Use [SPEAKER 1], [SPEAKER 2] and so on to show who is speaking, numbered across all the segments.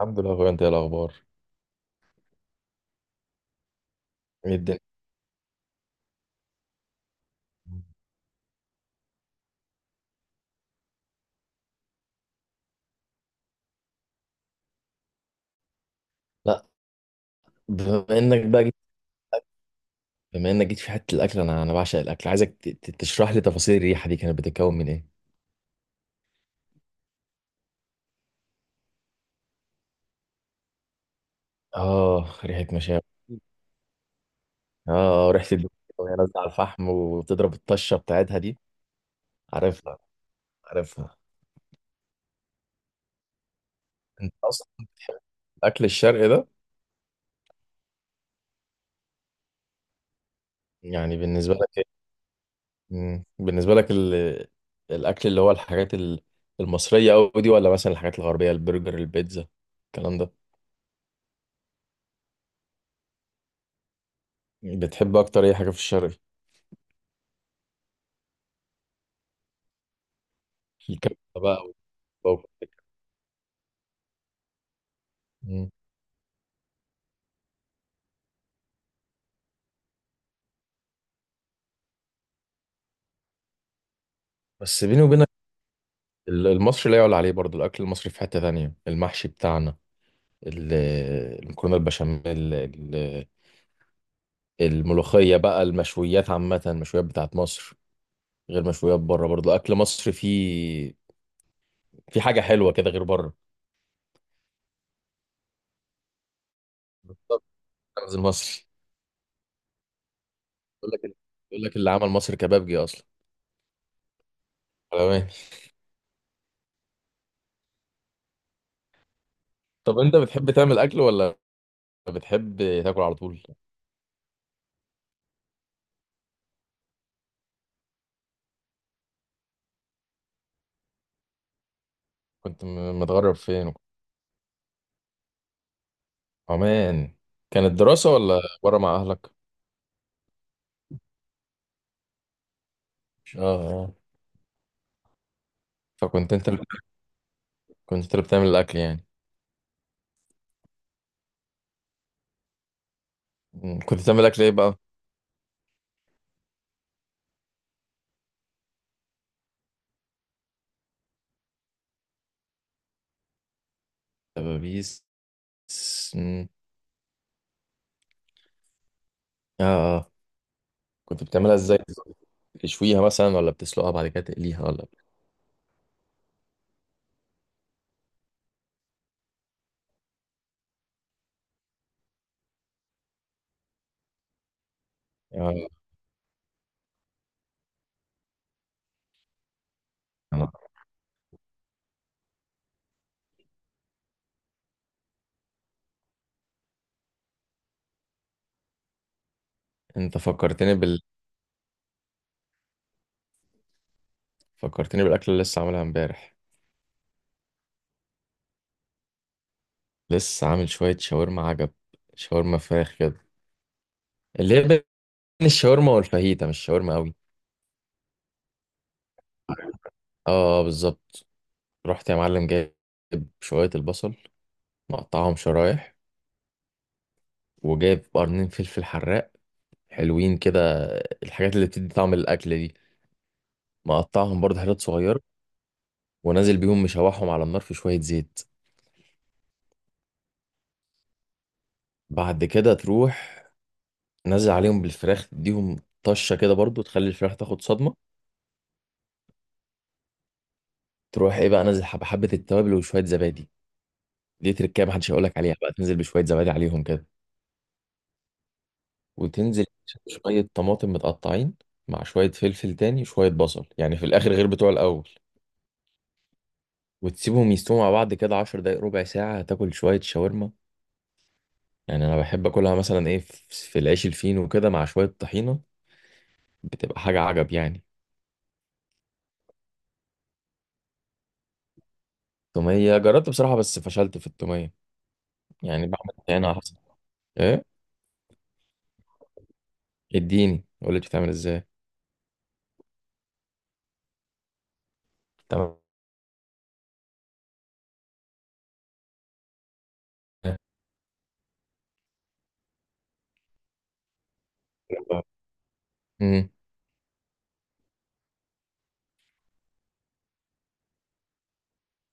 [SPEAKER 1] الحمد لله يا اخويا، انت ايه الاخبار؟ ايه الدنيا؟ لا. بما انك بقى جيت بما انك جيت في حته الاكل، انا بعشق الاكل، عايزك تشرح لي تفاصيل الريحه دي، كانت بتتكون من ايه؟ اه ريحه مشاوي. اه، ريحه الدهون وهي نازله على الفحم وتضرب الطشه بتاعتها دي. عارفها، عارفها. انت اصلا الاكل الشرقي ده يعني بالنسبه لك ايه؟ مم. بالنسبه لك الاكل اللي هو الحاجات المصريه قوي دي، ولا مثلا الحاجات الغربيه البرجر البيتزا الكلام ده؟ بتحب اكتر اي حاجه في الشرق؟ الكبسة بقى والممبار والكلام ده. مم. بس بيني وبينك المصري لا يعلى عليه، برضه الأكل المصري في حتة تانية، المحشي بتاعنا ال- المكرونة البشاميل الملوخية بقى، المشويات عامة، المشويات بتاعت مصر غير مشويات بره، برضه أكل مصر فيه، في حاجة حلوة كده غير بره. طب أنزل مصر. يقول لك يقول لك اللي عمل مصر كبابجي أصلا، حلوان. طب أنت بتحب تعمل أكل ولا بتحب تاكل على طول؟ كنت متغرب فين؟ عمان؟ كانت دراسة ولا بره مع أهلك؟ اه، اه. فكنت أنت اللي كنت أنت اللي بتعمل الأكل يعني؟ مم. كنت بتعمل أكل إيه بقى؟ دبابيس؟ مم. آه، آه. كنت بتعملها إزاي؟ تشويها مثلا، ولا بتسلقها بعد كده تقليها، ولا؟ آه. آه. أنت فكرتني فكرتني بالأكل اللي لسه عاملها إمبارح. لسه عامل شوية شاورما عجب، شاورما فراخ كده، اللي هي بين الشاورما والفاهيتا، مش شاورما قوي. اه، بالظبط. رحت يا معلم جايب شوية البصل، مقطعهم شرايح، وجايب قرنين فلفل حراق حلوين كده، الحاجات اللي بتدي طعم الأكل دي، مقطعهم برضه حتت صغيرة، ونازل بيهم مشوحهم على النار في شوية زيت. بعد كده تروح نازل عليهم بالفراخ، تديهم طشة كده برضه، تخلي الفراخ تاخد صدمة. تروح ايه بقى، نازل حبة حبة التوابل وشوية زبادي، دي تركية محدش هيقولك عليها بقى، تنزل بشوية زبادي عليهم كده. وتنزل شوية طماطم متقطعين، مع شوية فلفل تاني، شوية بصل يعني في الآخر غير بتوع الأول. وتسيبهم يستووا مع بعض كده 10 دقايق، ربع ساعة، تاكل شوية شاورما. يعني أنا بحب أكلها مثلا إيه، في العيش الفينو وكده مع شوية طحينة، بتبقى حاجة عجب يعني. تومية جربت بصراحة، بس فشلت في التومية، يعني بعمل طحينة أحسن. إيه؟ اديني قول لي بتتعمل إزاي. تمام. امم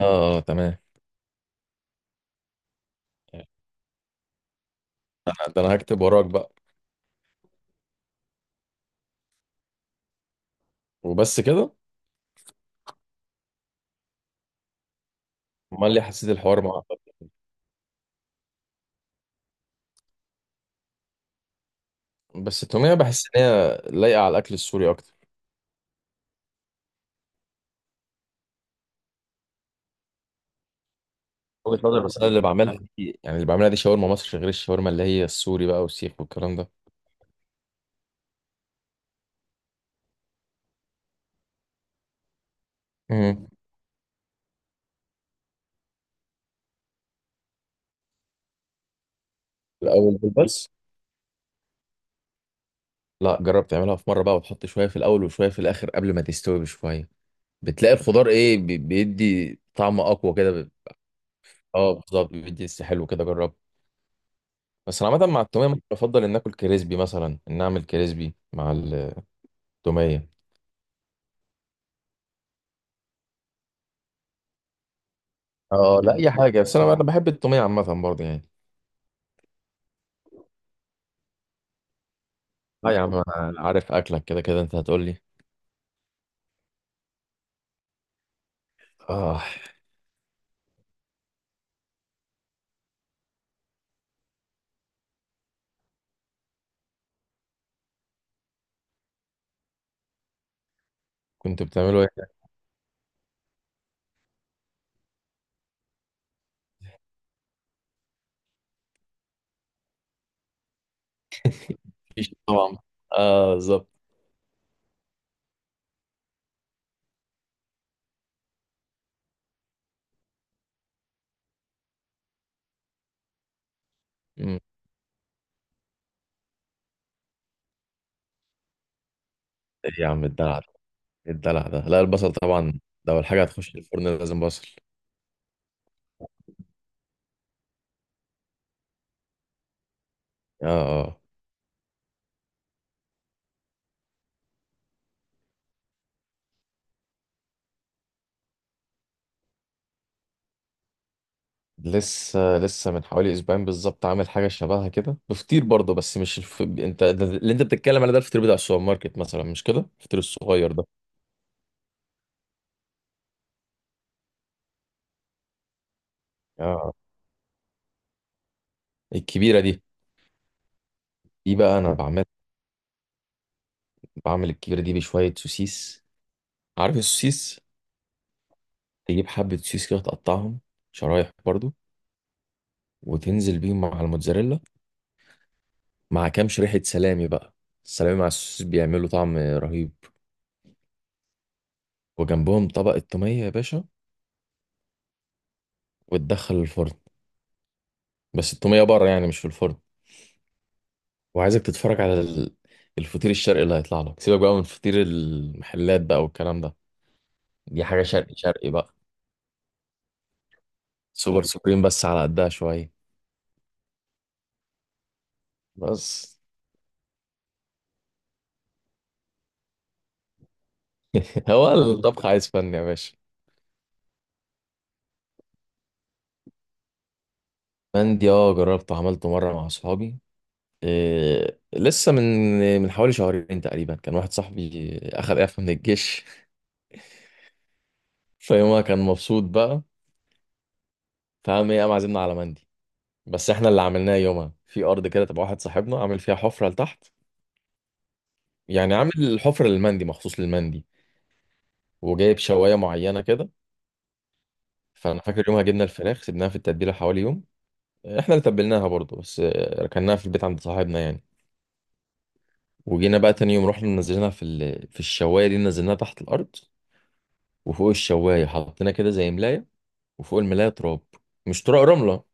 [SPEAKER 1] آه، آه، تمام. ده أنا هكتب وراك بقى. وبس كده؟ أمال ليه حسيت الحوار معقد؟ بس التومية بحس إن هي لايقة على الأكل السوري أكتر. وجهة نظر، بس انا اللي بعملها دي، يعني اللي بعملها دي شاورما مصر، غير الشاورما اللي هي السوري بقى والسيخ والكلام ده. مم. الاول بس. لا، جرب تعملها في مره بقى، وتحط شويه في الاول وشويه في الاخر قبل ما تستوي بشويه، بتلاقي الخضار ايه بيدي طعم اقوى كده، اه بالظبط، بيدي لسه حلو كده، جرب. بس انا عامه مع التوميه ممكن بفضل ان اكل كريسبي، مثلا ان اعمل كريسبي مع التوميه. اه لا، اي حاجه، بس انا بحب التوميه عامه برضه يعني. لا يا عم، انا عارف اكلك، كده كده انت هتقول لي. اه. كنت بتعمله ايه؟ مفيش طبعا. اه، بالظبط. مم. ايه يا عم الدلع ده؟ ايه الدلع ده؟ لا البصل طبعا، لو الحاجه هتخش الفرن لازم بصل. اه، اه. لسه لسه من حوالي اسبوعين بالظبط عامل حاجه شبهها كده بفطير برضه، بس مش انت اللي انت بتتكلم عليه ده الفطير بتاع السوبر ماركت مثلا، مش كده، الفطير الصغير ده. اه، الكبيره دي. دي بقى انا بعمل، الكبيره دي بشويه سوسيس. عارف السوسيس؟ تجيب حبه سوسيس كده تقطعهم شرايح برضه، وتنزل بيهم مع الموتزاريلا، مع كام شريحة سلامي بقى، السلامي مع السوسيس بيعملوا طعم رهيب. وجنبهم طبق التومية يا باشا، وتدخل الفرن. بس التومية بره يعني، مش في الفرن. وعايزك تتفرج على الفطير الشرقي اللي هيطلع لك، سيبك بقى من فطير المحلات بقى والكلام ده. دي حاجة شرقي شرقي بقى، سوبر سوبريم، بس على قدها شوية بس. هو الطبخ عايز فن يا باشا؟ مندي اه، جربته عملته مرة مع أصحابي، إيه لسه من حوالي شهرين تقريبا. كان واحد صاحبي أخد إعفاء من الجيش، فيومها كان مبسوط بقى، فقام ايه، قام عازمنا على مندي. بس احنا اللي عملناه يومها في ارض كده تبع واحد صاحبنا، عامل فيها حفره لتحت، يعني عامل الحفره للمندي، مخصوص للمندي، وجايب شوايه معينه كده. فانا فاكر يومها جبنا الفراخ سيبناها في التتبيله حوالي يوم، احنا اللي تبلناها برضه، بس ركناها في البيت عند صاحبنا يعني، وجينا بقى تاني يوم رحنا نزلناها في الشوايه دي، نزلناها تحت الارض، وفوق الشوايه حطينا كده زي ملايه، وفوق الملايه تراب، مش تراب، رمله.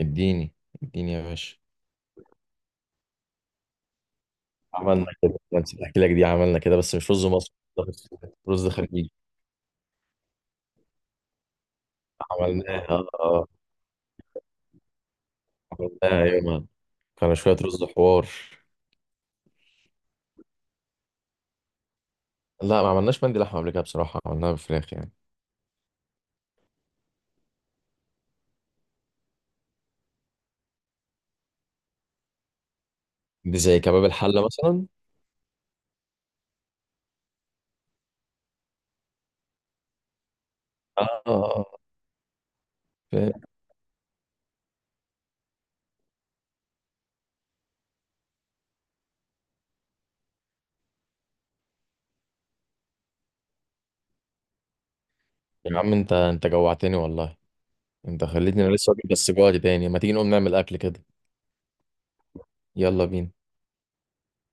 [SPEAKER 1] اديني، اديني يا باشا. عملنا كده، ما نسيت احكي لك دي، عملنا كده بس مش رز مصر، رز خليجي. عملناها اه، عملناها يومها، كانوا شويه رز حوار. لا ما عملناش مندي لحمه قبل كده بصراحه، عملناها بفراخ يعني. دي زي كباب الحله مثلا؟ اه، آه، آه. يا عم انت، جوعتني والله، انت خليتني انا لسه واكل بس جوعت تاني، ما تيجي نقوم نعمل اكل كده. يلا بينا.